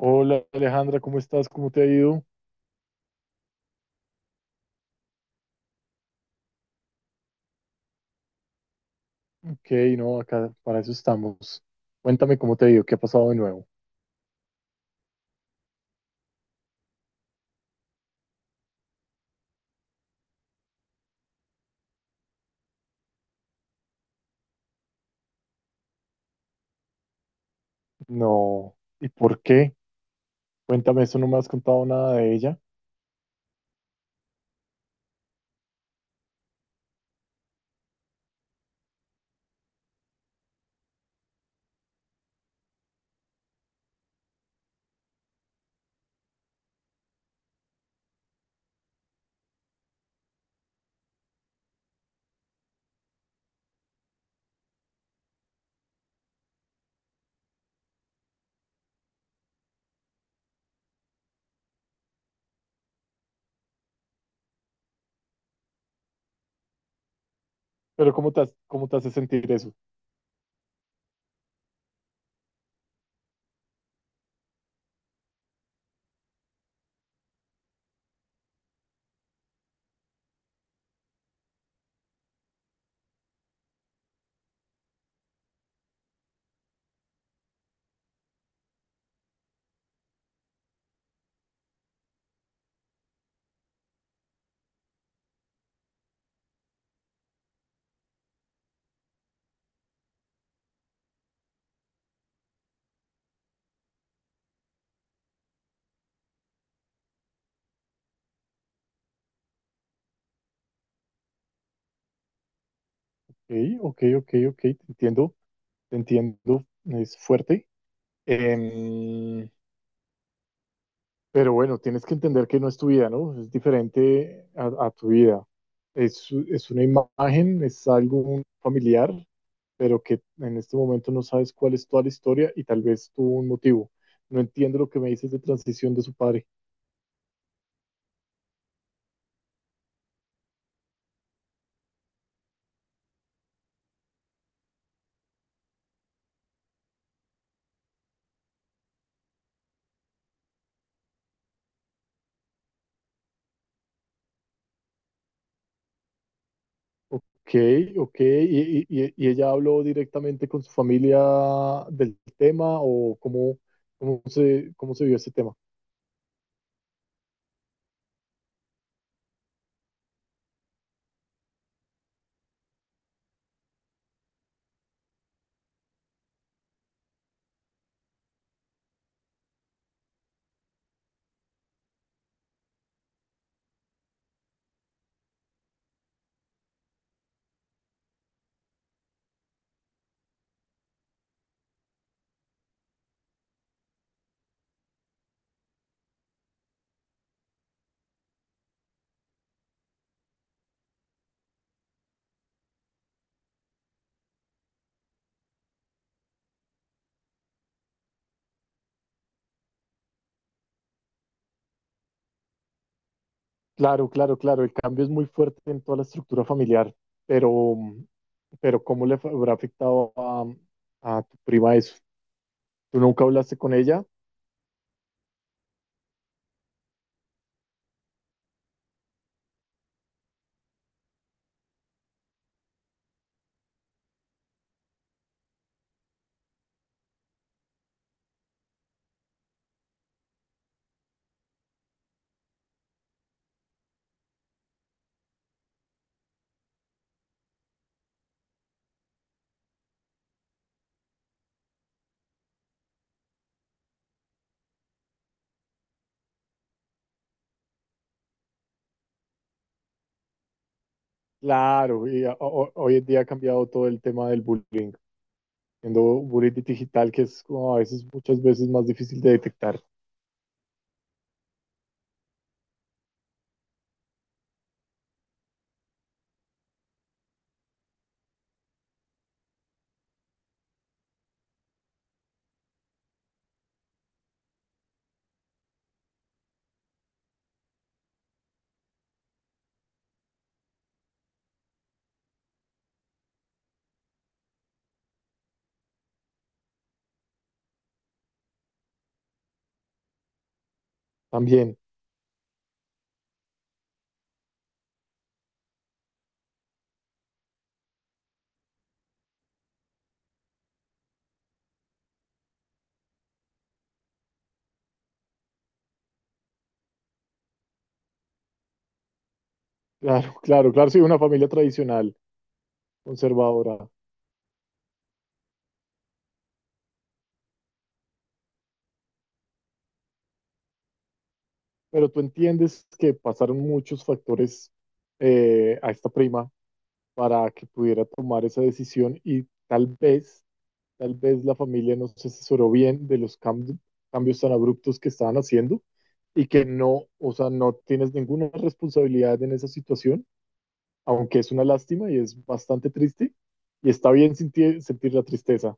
Hola Alejandra, ¿cómo estás? ¿Cómo te ha ido? Ok, no, acá para eso estamos. Cuéntame cómo te ha ido, qué ha pasado de nuevo. No, ¿y por qué? Cuéntame eso, no me has contado nada de ella. Pero ¿cómo te, cómo te hace sentir eso? Ok, ok, ok, ok, te entiendo, es fuerte. Em, Pero bueno, tienes que entender que no es tu vida, ¿no? Es diferente a tu vida. Es una imagen, es algo familiar, pero que en este momento no sabes cuál es toda la historia y tal vez tuvo un motivo. No entiendo lo que me dices de transición de su padre. Ok, ok. ¿Y, y y ella habló directamente con su familia del tema o cómo, cómo se vio ese tema? Claro, claro, claro, el cambio es muy fuerte en toda la estructura familiar, pero, pero ¿cómo le habrá afectado a tu prima eso? ¿Tú nunca hablaste con ella? Claro, hoy en día ha cambiado todo el tema del bullying, siendo bullying digital, que es como a veces, muchas veces más difícil de detectar también. Claro, claro, claro, sí, una familia tradicional, conservadora, pero tú entiendes que pasaron muchos factores a esta prima para que pudiera tomar esa decisión y tal vez la familia no se asesoró bien de los cambios tan abruptos que estaban haciendo y que no, o sea, no tienes ninguna responsabilidad en esa situación, aunque es una lástima y es bastante triste y está bien sentir, sentir la tristeza.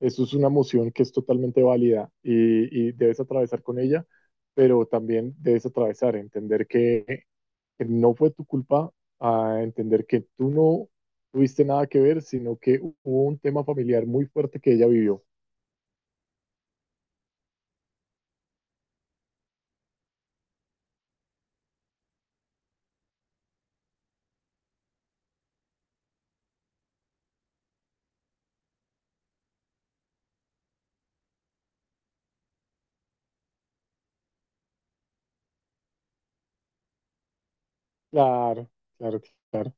Eso es una emoción que es totalmente válida y debes atravesar con ella, pero también debes atravesar, entender que no fue tu culpa a entender que tú no tuviste nada que ver, sino que hubo un tema familiar muy fuerte que ella vivió. Claro, claro, claro.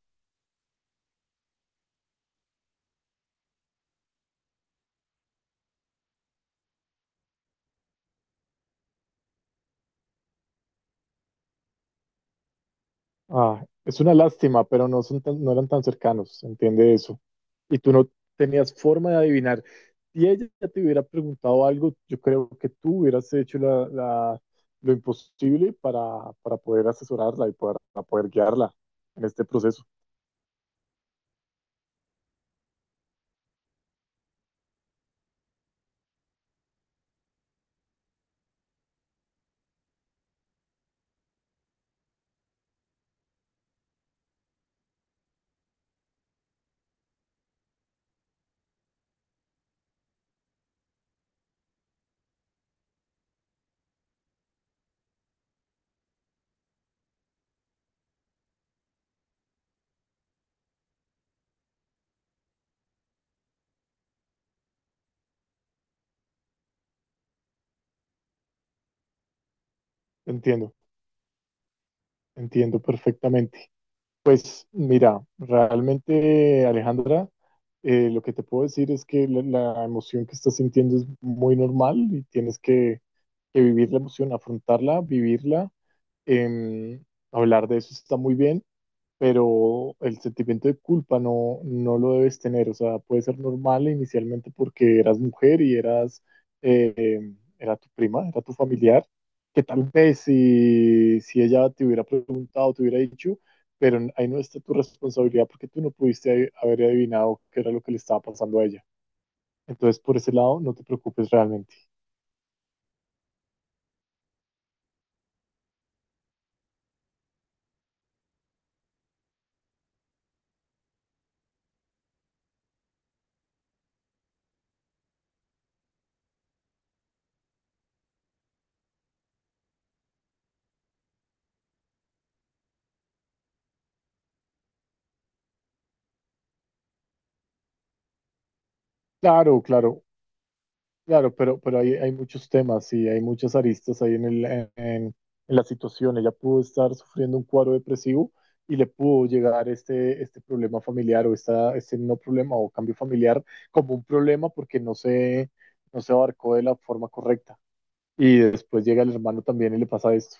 Ah, es una lástima, pero no, no eran tan cercanos, entiende eso. Y tú no tenías forma de adivinar. Si ella te hubiera preguntado algo, yo creo que tú hubieras hecho lo imposible para poder asesorarla y poder, para poder guiarla en este proceso. Entiendo, entiendo perfectamente. Pues mira, realmente Alejandra, lo que te puedo decir es que la emoción que estás sintiendo es muy normal y tienes que vivir la emoción, afrontarla, vivirla. em, Hablar de eso está muy bien pero el sentimiento de culpa no, no lo debes tener, o sea, puede ser normal inicialmente porque eras mujer y eras, eh, era tu prima, era tu familiar, que tal vez si, si ella te hubiera preguntado, te hubiera dicho, pero ahí no está tu responsabilidad porque tú no pudiste haber adivinado qué era lo que le estaba pasando a ella. Entonces, por ese lado, no te preocupes realmente. Claro, claro, claro, pero hay muchos temas y hay muchas aristas ahí en la situación. Ella pudo estar sufriendo un cuadro depresivo y le pudo llegar este, este problema familiar o esta, este no problema o cambio familiar como un problema porque no se, no se abarcó de la forma correcta. Y después llega el hermano también y le pasa esto.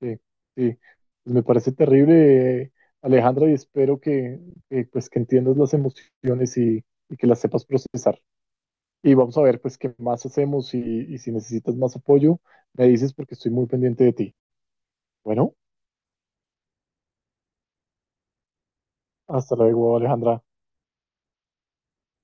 Sí, sí. Pues me parece terrible, Alejandra, y espero que, pues, que entiendas las emociones y que las sepas procesar. Y vamos a ver pues qué más hacemos y si necesitas más apoyo, me dices porque estoy muy pendiente de ti. Bueno, hasta luego, Alejandra.